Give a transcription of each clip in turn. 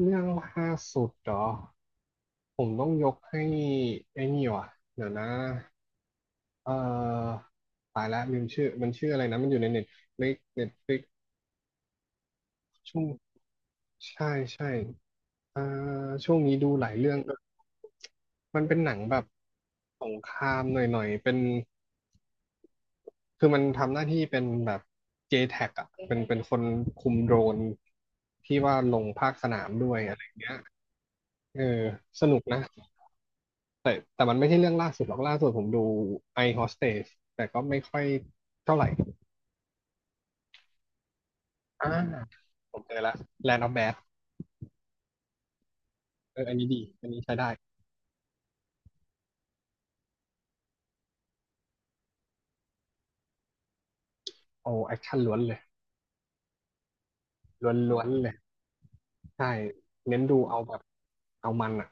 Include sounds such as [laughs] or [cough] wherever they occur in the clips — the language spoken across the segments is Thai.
เรื่องล่าสุดเหรอผมต้องยกให้ไอ้นี่ว่ะเดี๋ยวนะเอ่อตายแล้วลืมชื่อมันชื่ออะไรนะมันอยู่ในเน็ตฟลิกเน็ตฟลิกช่วงใช่ใช่เอ่อช่วงนี้ดูหลายเรื่องมันเป็นหนังแบบสงครามหน่อยๆเป็นคือมันทำหน้าที่เป็นแบบ JTAC อ่ะเป็นคนคุมโดรนที่ว่าลงภาคสนามด้วยอะไรอย่างเงี้ยเออสนุกนะ แต่มันไม่ใช่เรื่องล่าสุดหรอกล่าสุดผมดู I Hostage แต่ก็ไม่ค่อยเท่าไหร่อ่าผมเจอละ Land of Bad เอออันนี้ดีอันนี้ใช้ได้โอ้แอคชั่นล้วนเลยล้วนล้วนเลยใช่เน้นดูเอาแบบเอามันอ่ะ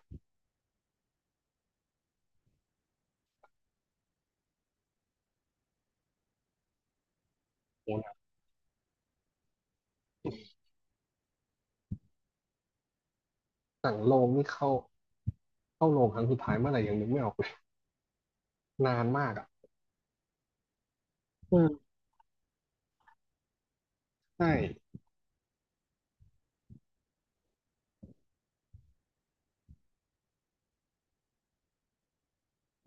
โอ้หนังสั่งโรงนี่เข้าเข้าโรงครั้งสุดท้ายเมื่อไหร่ยังนึกไม่ออกเลยนานมากอ่ะอืมใช่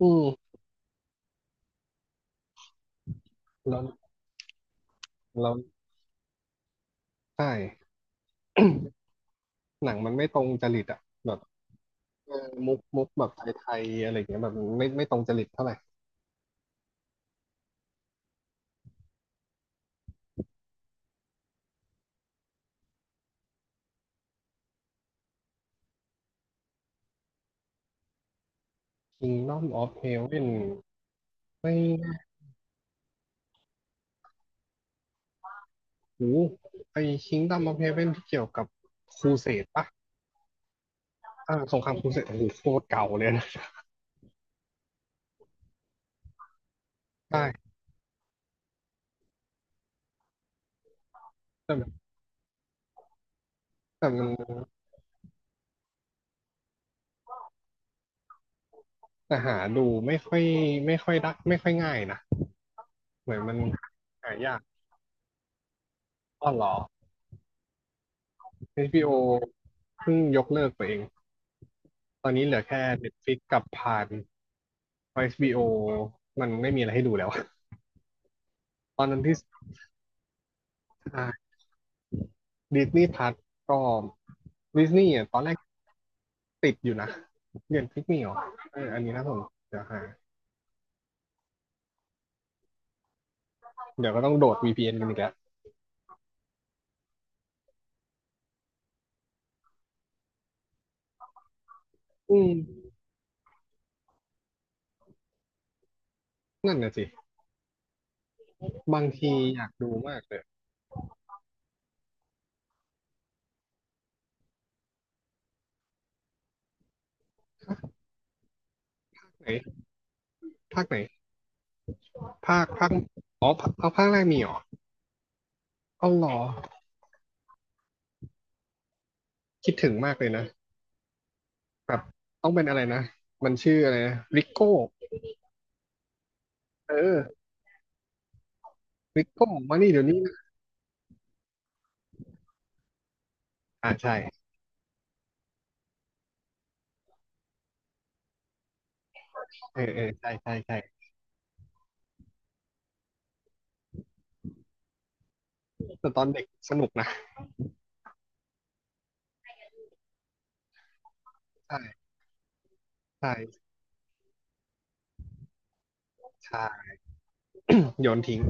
อืมแล้วแล้วใช่หนังมันไม่ตรงจริตอ่ะแบบเออมุกแบบไทยๆอะไรอย่างเงี้ยแบบไม่ตรงจริตเท่าไหร่ Kingdom of Heaven ไม่หูไอ Kingdom of Heaven ที่เกี่ยวกับครูเสดปะอ่าสงครามครูเสดโอ้โหโคตรเก่าเลยนะใช่แต่มันแต่มันแต่หาดูไม่ค่อยไม่ค่อยได้ไม่ค่อยง่ายนะเหมือนมันหายากอ้อเหรอเอชบี b o เพิ่งยกเลิกไปเองตอนนี้เหลือแค่ Netflix กับพานเอชบี b o มันไม่มีอะไรให้ดูแล้วตอนนั้นที่ Disney Plus ก็ดิสนีย์อ่ะตอนแรก ติดอยู่นะเรียนพิกมี่หรออันนี้นะผมเดี๋ยวหาเดี๋ยวก็ต้องโดด VPN กันอีกแล้วอืมนั่นน่ะสิบางทีอยากดูมากเลยไหนภาคไหนภาคภาคอ๋อเอาภาคแรกมีเหรอเอาหรอคิดถึงมากเลยนะแบบต้องเป็นอะไรนะมันชื่ออะไรนะริโก้เออริโก้มานี่เดี๋ยวนี้นะอ่าใช่เออเออใช่ใช่ใช่แต่ตอนเด็กสนุกนะใช่ใช่ใช่โยนทิ้ง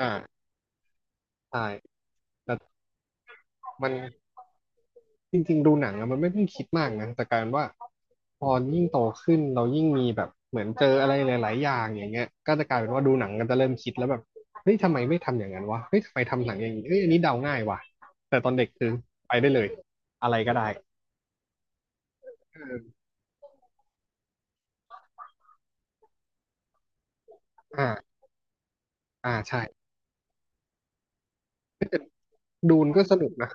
อ่าใช่แต่มัน จริงๆดูหนังอะมันไม่ต้องคิดมากนะแต่กลารว่าพอยิ่งโตขึ้นเรายิ่งมีแบบเหมือนเจออะไรหลายๆอย่างอย่างเงี้ยก็จะกลายเป็นว่าดูหนังกนจะเริ่มคิดแล้วแบบเฮ้ยทำไมไม่ทำอย่างนั้นวะเฮ้ยทำไมทำหนังอย่างนี้เอ้ยอันนี้เดาง่ายว่ะแต่ตอนเด็กคือไปได้เลยอะไรก็ได้เอออ่าอ่าใช่ดูนก็สนุกนะ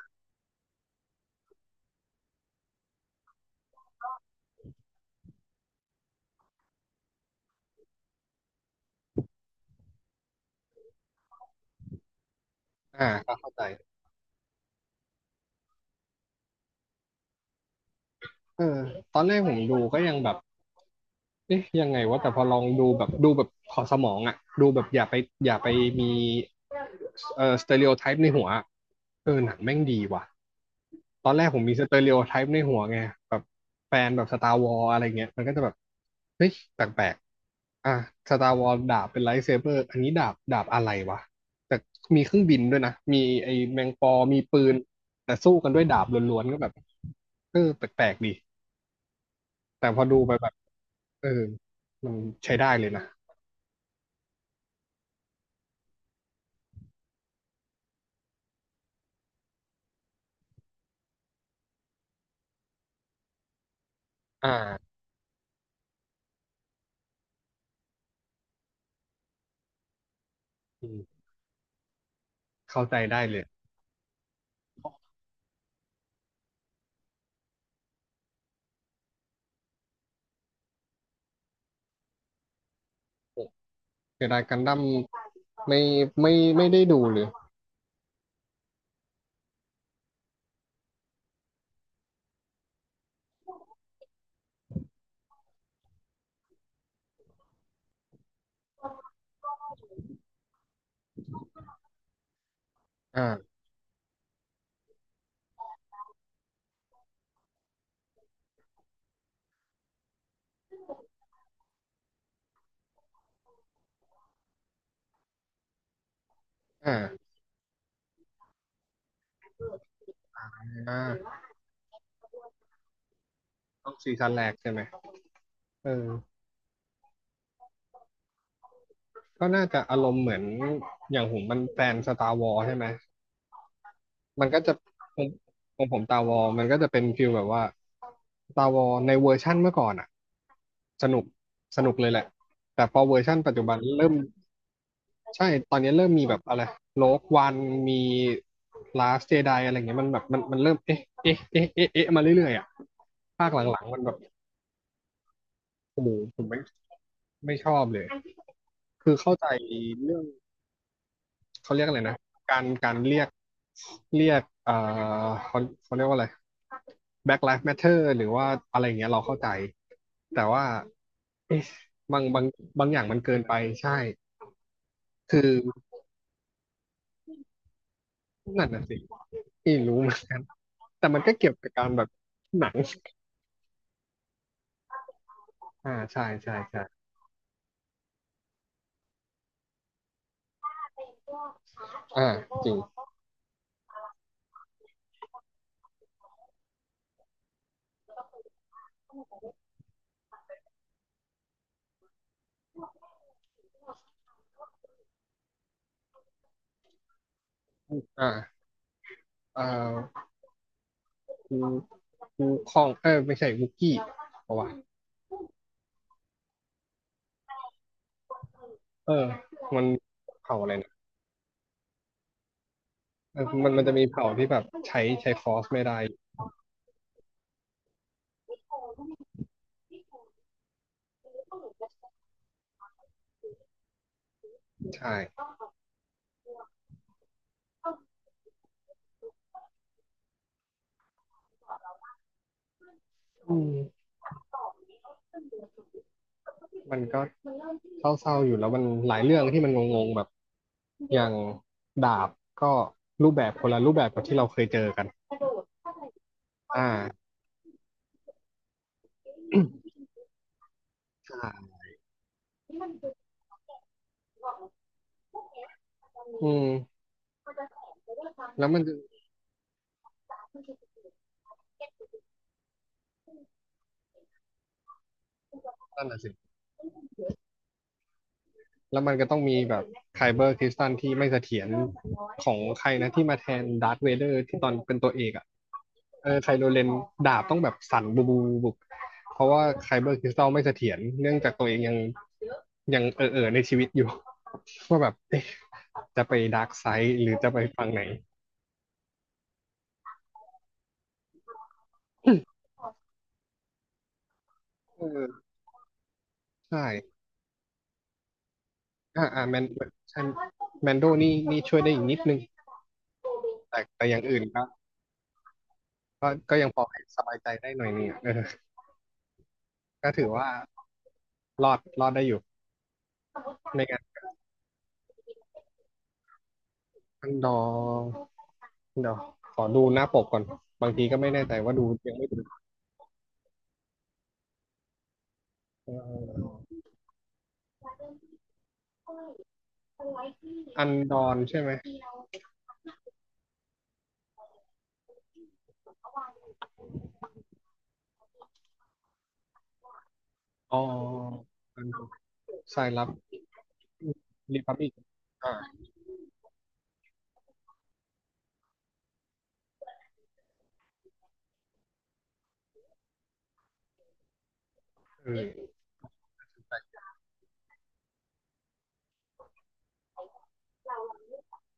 อ่าก็เข้าใจเออตอนแรกผมดูก็ยังแบบเอ๊ะยังไงวะแต่พอลองดูแบบดูแบบขอดสมองอะดูแบบอย่าไปมี สเตอริโอไทป์ในหัวเออหนังแม่งดีว่ะตอนแรกผมมีสเตอริโอไทป์ในหัวไงแบบแฟนแบบสตาร์วอลอะไรเงี้ยมันก็จะแบบเฮ้ยแปลกๆอ่ะสตาร์วอลดาบเป็นไลท์เซเบอร์อันนี้ดาบดาบอะไรวะแต่มีเครื่องบินด้วยนะมีไอ้แมงปอมีปืนแต่สู้กันด้วยดาบล้วนๆก็แบบเออแปลกๆดีแต่พอดูไปแบบเออมันใช้ได้เลยนะอ่าอืมเข้าใจได้เลยใช้ได้กันดั้ม ไม่ไม่ไม่ได้ดูเลยอ่าอ่าอ่าต้องซีซั่นแรกใช่ไหมเออก็น่าจะอารมณ์เหมือนอย่างผมมันแฟนสตาร์วอลใช่ไหมมันก็จะของของผมตาวอลมันก็จะเป็นฟิลแบบว่าตาวอลในเวอร์ชั่นเมื่อก่อนอ่ะสนุกสนุกเลยแหละ แต่พอเวอร์ชั่นปัจจุบันเริ่ม ใช่ ตอนนี้เริ่มมีแบบอะไรโลกวันมีลาสเจไดอะไรเงี้ยมันแบบมันเริ่มเอ๊ะเอ๊ะเอ๊ะเอ๊ะเอ๊ะมาเรื่อยๆอ่ะภาคหลังๆมันแบบโอ้โหผมไม่ชอบเลย คือเข้าใจเรื่องเขาเรียกอะไรนะการเรียกเรียกเขาเขาเรียกว่าอะไร Black Lives Matter หรือว่าอะไรอย่างเงี้ยเราเข้าใจแต่ว่าเอ๊ะบางบางบางอย่างมันเกินไปใช่คือนั่นน่ะสิไม่รู้เหมือนกันแต่มันก็เกี่ยวกับการแบบหนังอ่าใช่ใช่ใช่อ่าจริงอ่าเอ่อกูกูคองเออไม่ใช่วุกกี้เพราะว่าเออมันเขาอะไรนะ เออมันจะมีเผ่าที่แบบใช้ฟอร์สไม่ได้ใช่อืมมันก็เศร้าๆอยู่แล้วมันหลายเรื่องที่มันงงๆแบบอย่างดาบก็รูปแบบคนละรูปแบบกับที่เราเคยเจอกัน อ่าใช่อืมแล้วมันจะนั่นน่ะสิแล้วมันก็ต้องมีแบบไคเบอร์คริสตัลที่ไม่เสถียรของใครนะที่มาแทนดาร์ธเวเดอร์ที่ตอนเป็นตัวเอกอ่ะเออไคโรเลนดาบต้องแบบสั่นบูบูบุบ เพราะว่าไคเบอร์คริสตัลไม่เสถียรเนื่องจากตัวเองยังเออในชีวิตอยู่ [laughs] ว่าแบบจะไปดาร์กไซด์หรือจะไปฟังไหนเออใช่อ่าแมนใช่แมนโดนี่นี่ช่วยได้อีกนิดนึงแต่อย่างอื่นก็ก็ยังพอให้สบายใจได้หน่อยนึงอะเออก็ถือว่ารอดได้อยู่ไม่งั้นต้องรอเดี๋ยวขอดูหน้าปกก่อนบางทีก็ไม่แน่ใจว่าดูยังไม่ดูเอ่ออันดอนใช่ไหมอ๋ออันดอน สายลับรีพับลิกอ่าเออ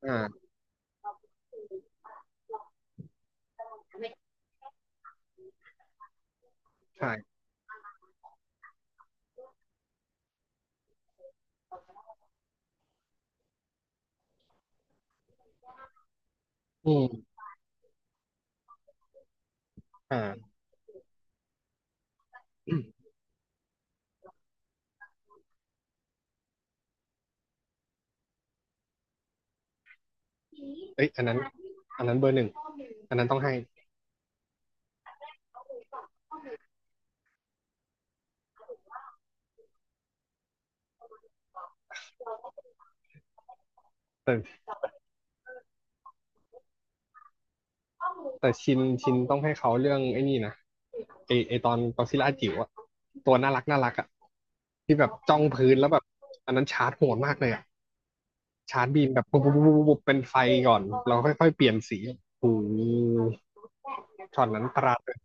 อ่าใช่อืมอ่าเอ้ยอันนั้นอันนั้นเบอร์หนึ่งอันนั้นต้องให้แต่แต่ชินต้องให้เขาเรื่องไอ้นี่นะไอตอนกอซิลล่าจิ๋วอะตัวน่ารักน่ารักอะที่แบบจ้องพื้นแล้วแบบอันนั้นชาร์จโหดมากเลยอะชาร์จบีมแบบปุ๊บปุ๊บปุ๊บปุ๊บเป็นไฟก่อนเราค่อยๆเปลี่ยนสีโอ้โหช็อตนั้นประหลาดเลย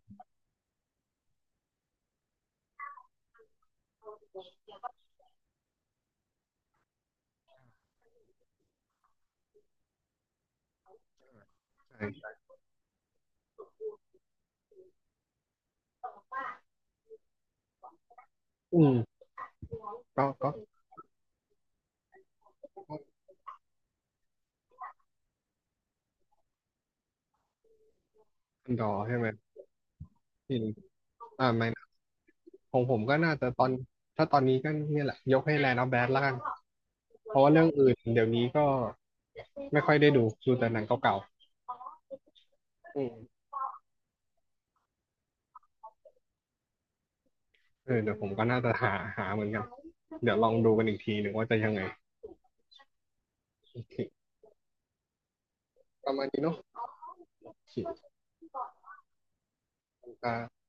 ใช่อืมก็อันดอใช่ไหมชิน อ่าไม่นะของผมก็น่าจะตอนถ้าตอนนี้ก็เนี่ยแหละยกให้แลนด์ออฟแบดละกันเพราะว่าเรื่องอื่นเดี๋ยวนี้ก็ไม่ค่อยได้ดูดูแต่หนังเก่าๆอืมเออเดี๋ยวผมก็น่าจะหาเหมือนกันเดี๋ยวลองดูกันอีกทีหนึ่งว่าจะยังไงโอเคประมาณนี้เนาะโอเคอ่า